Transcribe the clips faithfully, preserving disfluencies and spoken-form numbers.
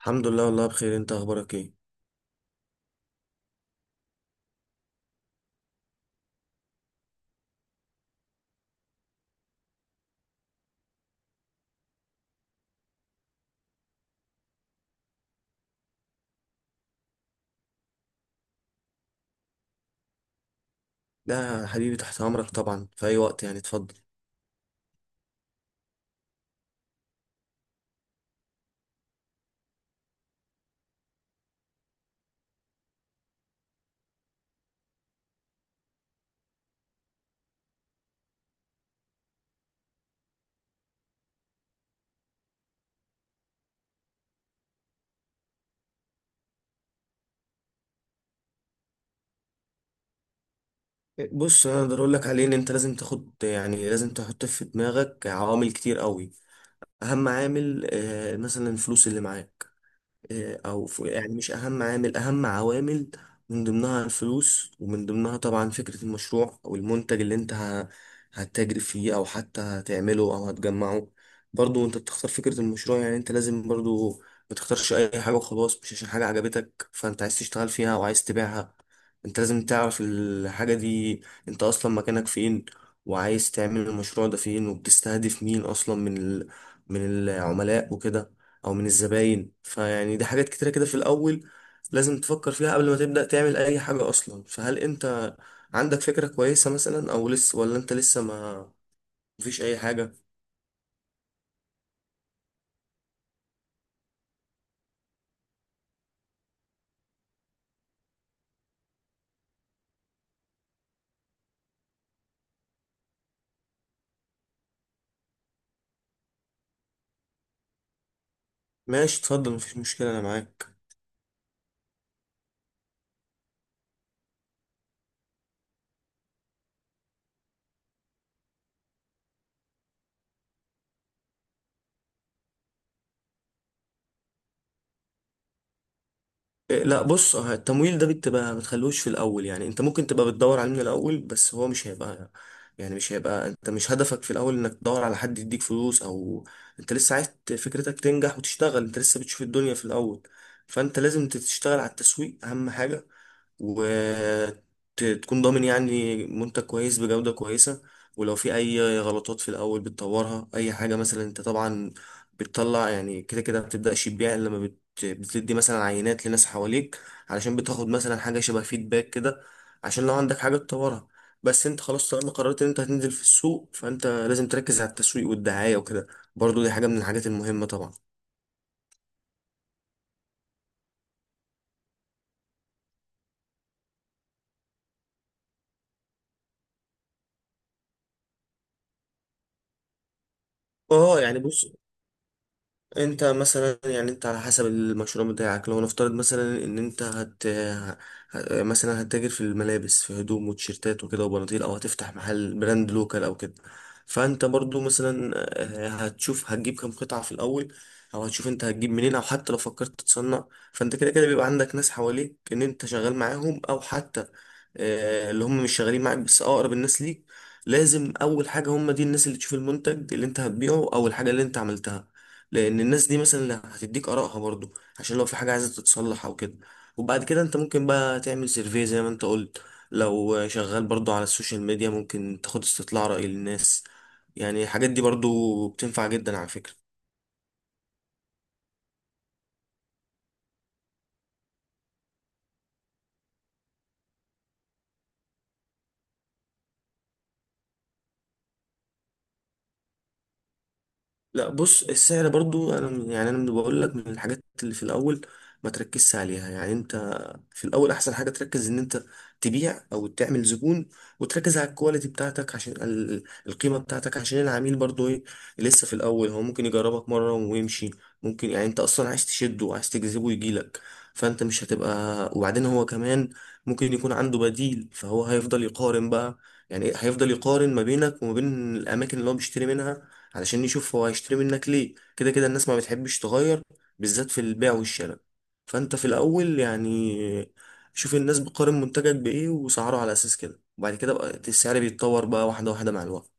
الحمد لله والله بخير، انت اخبارك ايه؟ لا يا حبيبي، تحت امرك طبعا في اي وقت، يعني اتفضل. بص، انا اقدر اقول لك عليه ان انت لازم تاخد، يعني لازم تحط في دماغك عوامل كتير قوي. اهم عامل آه، مثلا الفلوس اللي معاك. آه، او ف- يعني مش اهم عامل، اهم عوامل، من ضمنها الفلوس ومن ضمنها طبعا فكرة المشروع او المنتج اللي انت ه- هتتاجر فيه او حتى هتعمله او هتجمعه. برضو انت بتختار فكرة المشروع، يعني انت لازم برضو ما تختارش اي حاجة وخلاص مش عشان حاجة عجبتك فانت عايز تشتغل فيها او عايز تبيعها. انت لازم تعرف الحاجة دي، انت اصلا مكانك فين، وعايز تعمل المشروع ده فين، وبتستهدف مين اصلا من ال... من العملاء وكده، او من الزباين. فيعني دي حاجات كتيرة كده في الاول لازم تفكر فيها قبل ما تبدأ تعمل اي حاجة اصلا. فهل انت عندك فكرة كويسة مثلا، او لسه، ولا انت لسه ما مفيش اي حاجة؟ ماشي، اتفضل، مفيش مشكلة، انا معاك. إيه، لا بص، آه، التمويل ده بتبقى ما تخلوش في الاول، يعني انت ممكن تبقى بتدور عليه من الاول بس هو مش هيبقى، يعني مش هيبقى انت مش هدفك في الاول انك تدور على حد يديك فلوس، او انت لسه عايز ت- فكرتك تنجح وتشتغل، انت لسه بتشوف الدنيا في الاول. فانت لازم تشتغل على التسويق، اهم حاجة، وتكون ضامن يعني منتج كويس بجودة كويسة. ولو في أي غلطات في الأول بتطورها أي حاجة، مثلا أنت طبعا بتطلع يعني كده كده ما بتبدأش تبيع إلا لما بتدي مثلا عينات لناس حواليك، علشان بتاخد مثلا حاجة شبه فيدباك كده، عشان لو عندك حاجة تطورها. بس انت خلاص طالما قررت ان انت هتنزل في السوق، فانت لازم تركز على التسويق والدعاية وكده. برضو دي حاجة من الحاجات المهمة طبعا. اه يعني بص، انت مثلا، يعني انت على حسب المشروع بتاعك، لو نفترض مثلا ان انت هت ه- مثلا هتتاجر في الملابس، في هدوم وتيشيرتات وكده وبناطيل، او هتفتح محل براند لوكال او كده، فانت برضو مثلا آه، هتشوف هتجيب كام قطعة في الاول، او هتشوف انت هتجيب منين، او حتى لو فكرت تصنع. فانت كده كده بيبقى عندك ناس حواليك ان انت شغال معاهم، او حتى آه، اللي هم مش شغالين معاك بس اقرب الناس ليك. لازم اول حاجه هم دي الناس اللي تشوف المنتج اللي انت هتبيعه او الحاجه اللي انت عملتها، لان الناس دي مثلا اللي هتديك ارائها برضو، عشان لو في حاجه عايزه تتصلح او كده. وبعد كده انت ممكن بقى تعمل سيرفي زي ما انت قلت، لو شغال برضو على السوشيال ميديا ممكن تاخد استطلاع رأي للناس. يعني الحاجات دي برضو بتنفع جدا على فكرة. لا بص، السعر برضو انا يعني انا بقول لك من الحاجات اللي في الاول ما تركزش عليها. يعني انت في الاول احسن حاجه تركز ان انت تبيع او تعمل زبون، وتركز على الكواليتي بتاعتك عشان ال- القيمه بتاعتك، عشان العميل برضو ايه، لسه في الاول هو ممكن يجربك مره ويمشي، ممكن، يعني انت اصلا عايز تشده وعايز تجذبه يجيلك. فانت مش هتبقى، وبعدين هو كمان ممكن يكون عنده بديل فهو هيفضل يقارن بقى. يعني إيه؟ هيفضل يقارن ما بينك وما بين الاماكن اللي هو بيشتري منها، علشان يشوف هو هيشتري منك ليه. كده كده الناس ما بتحبش تغير، بالذات في البيع والشراء. فانت في الاول يعني شوف الناس بتقارن منتجك بايه وسعره على اساس كده، وبعد كده بقى السعر بيتطور بقى واحده واحده مع الوقت.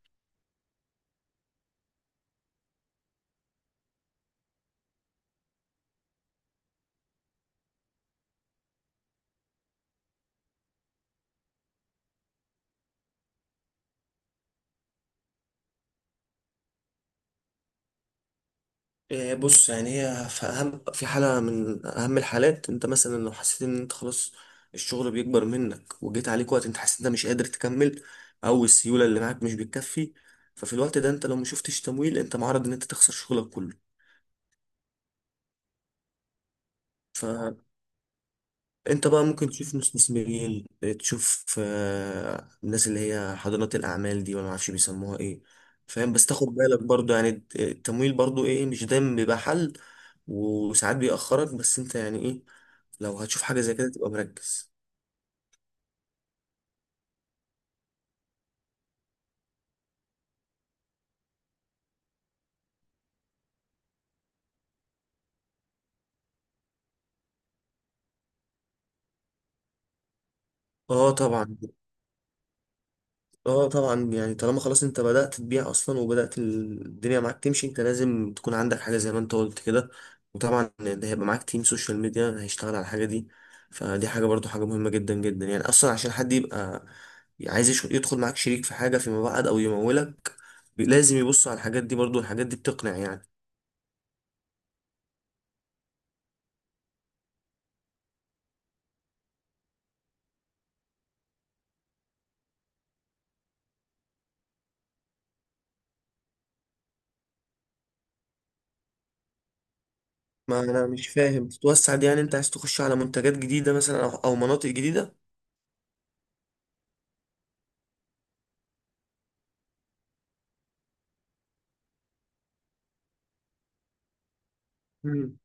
إيه، بص، يعني هي في اهم في حاله من اهم الحالات، انت مثلا لو حسيت ان انت خلاص الشغل بيكبر منك، وجيت عليك وقت انت حسيت إن انت مش قادر تكمل، او السيوله اللي معاك مش بتكفي، ففي الوقت ده انت لو مشوفتش تمويل انت معرض ان انت تخسر شغلك كله. ف انت بقى ممكن تشوف مستثمرين، تشوف آه، الناس اللي هي حاضنات الاعمال دي، ولا معرفش بيسموها ايه. فاهم؟ بس تاخد بالك برضو، يعني الت- التمويل برضو ايه، مش دايما بيبقى حل، وساعات بيأخرك، بس انت يعني ايه، لو هتشوف حاجة زي كده تبقى مركز. اه طبعا. اه طبعا، يعني طالما خلاص انت بدأت تبيع اصلا وبدأت الدنيا معاك تمشي، انت لازم تكون عندك حاجة زي ما انت قلت كده، وطبعا ده هيبقى معاك تيم سوشيال ميديا هيشتغل على الحاجة دي. فدي حاجة برضو، حاجة مهمة جدا جدا، يعني اصلا عشان حد يبقى عايز يش- يدخل معاك شريك في حاجة فيما بعد او يمولك لازم يبص على الحاجات دي، برضو الحاجات دي بتقنع يعني. ما انا مش فاهم تتوسع دي، يعني انت عايز تخش على منتجات جديدة مثلا، او أو مناطق جديدة؟ مم.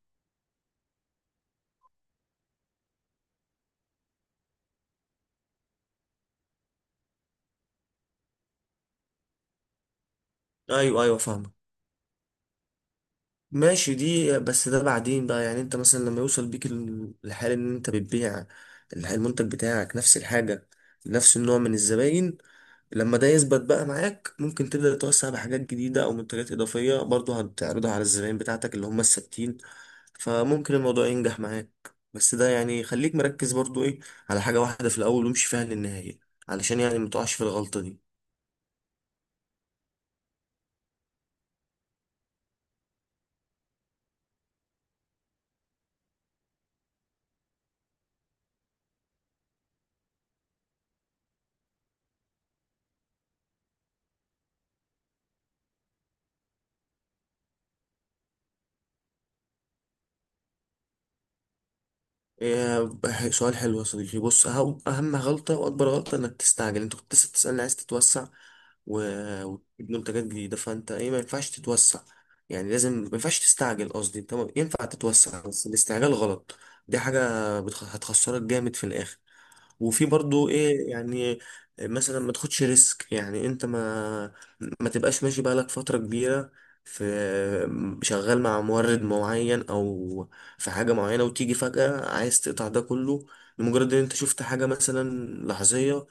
ايوه ايوه فاهمك، ماشي. دي بس ده بعدين بقى، يعني انت مثلا لما يوصل بيك ال- الحال ان انت بتبيع الح- المنتج بتاعك نفس الحاجة، نفس النوع من الزباين، لما ده يثبت بقى معاك، ممكن تبدأ توسع بحاجات جديدة او منتجات اضافية برضه هتعرضها على الزباين بتاعتك اللي هم الثابتين، فممكن الموضوع ينجح معاك. بس ده يعني خليك مركز برضه ايه، على حاجة واحدة في الاول وامشي فيها للنهاية، علشان يعني متقعش في الغلطة دي. إيه، سؤال حلو يا صديقي. بص، أهم أهم غلطة وأكبر غلطة إنك تستعجل. أنت كنت لسه بتسألني عايز تتوسع و- وتجيب منتجات جديدة، فأنت إيه، ما ينفعش تتوسع، يعني لازم ما ينفعش تستعجل. قصدي أنت م- ينفع تتوسع بس الاستعجال غلط. دي حاجة بتخ- هتخسرك جامد في الآخر. وفي برضو إيه يعني، مثلا ما تاخدش ريسك، يعني أنت ما ما تبقاش ماشي بقالك فترة كبيرة في شغال مع مورد معين، أو في حاجة معينة، وتيجي فجأة عايز تقطع ده كله لمجرد ان انت شفت حاجة مثلا لحظية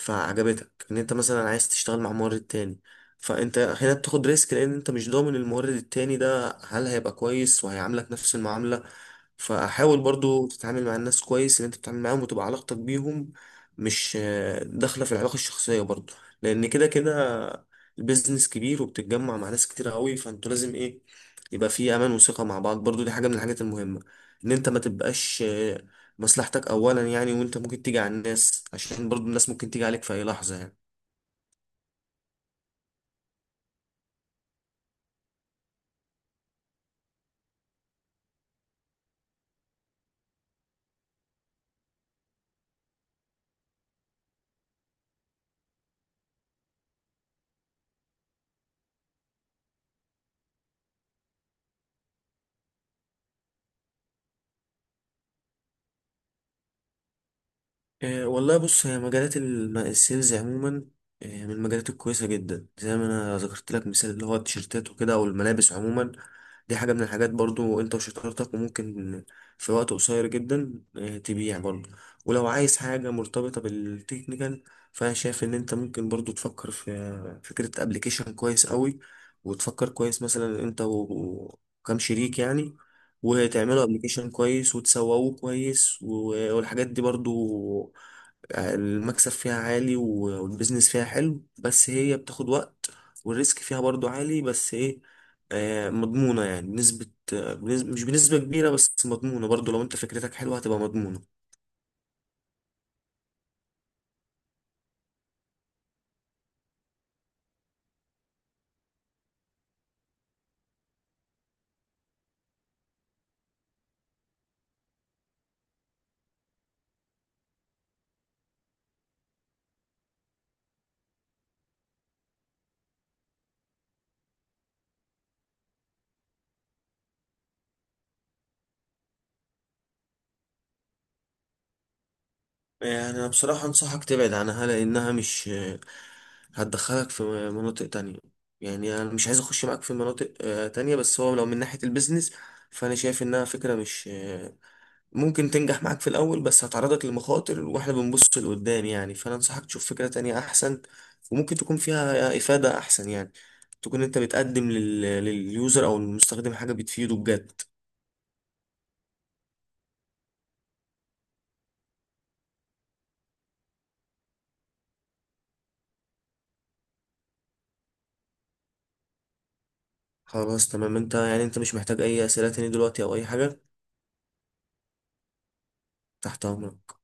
فعجبتك ان انت مثلا عايز تشتغل مع مورد تاني. فانت هنا بتاخد ريسك لان انت مش ضامن المورد التاني ده هل هيبقى كويس وهيعاملك نفس المعاملة. فحاول برضو تتعامل مع الناس كويس، اللي انت بتتعامل معاهم وتبقى علاقتك بيهم مش آه، داخلة في العلاقة الشخصية برضو، لأن كده كده البيزنس كبير وبتتجمع مع ناس كتير قوي، فانتوا لازم ايه يبقى في أمان وثقة مع بعض. برضو دي حاجة من الحاجات المهمة، إن أنت ما تبقاش آه، مصلحتك أولا، يعني وأنت ممكن تيجي على الناس، عشان برضو الناس ممكن تيجي عليك في أي لحظة يعني. آه، والله بص، هي مجالات الم- السيلز عموما آه، من المجالات الكويسة جدا، زي ما انا ذكرت لك مثال اللي هو التيشيرتات وكده او الملابس عموما. دي حاجة من الحاجات، برضو انت وشطارتك، وممكن في وقت قصير جدا آه، تبيع برضو. ولو عايز حاجة مرتبطة بالتكنيكال، فانا شايف ان انت ممكن برضو تفكر في فكرة ابلكيشن كويس قوي، وتفكر كويس مثلا انت و- وكم شريك يعني، وتعملوا ابلكيشن كويس وتسوقوه كويس، و- والحاجات دي برضو المكسب فيها عالي و- والبيزنس فيها حلو، بس هي بتاخد وقت، والريسك فيها برضو عالي. بس ايه، آه، مضمونة يعني بنسبة، آه، بنسبة مش بنسبة كبيرة، بس مضمونة برضو. لو انت فكرتك حلوة هتبقى مضمونة. يعني انا بصراحة انصحك تبعد عنها، لانها مش آه، هتدخلك في مناطق تانية. يعني انا مش عايز اخش معاك في مناطق آه، تانية، بس هو لو من ناحية البيزنس فانا شايف انها فكرة مش ممكن تنجح معاك في الأول، بس هتعرضك لمخاطر، واحنا بنبص لقدام يعني. فأنا أنصحك تشوف فكرة تانية أحسن، وممكن تكون فيها إفادة أحسن، يعني تكون أنت بتقدم لل... لليوزر أو المستخدم حاجة بتفيده بجد. خلاص تمام، أنت يعني أنت مش محتاج أي أسئلة تاني دلوقتي أو أي حاجة؟ تحت أمرك.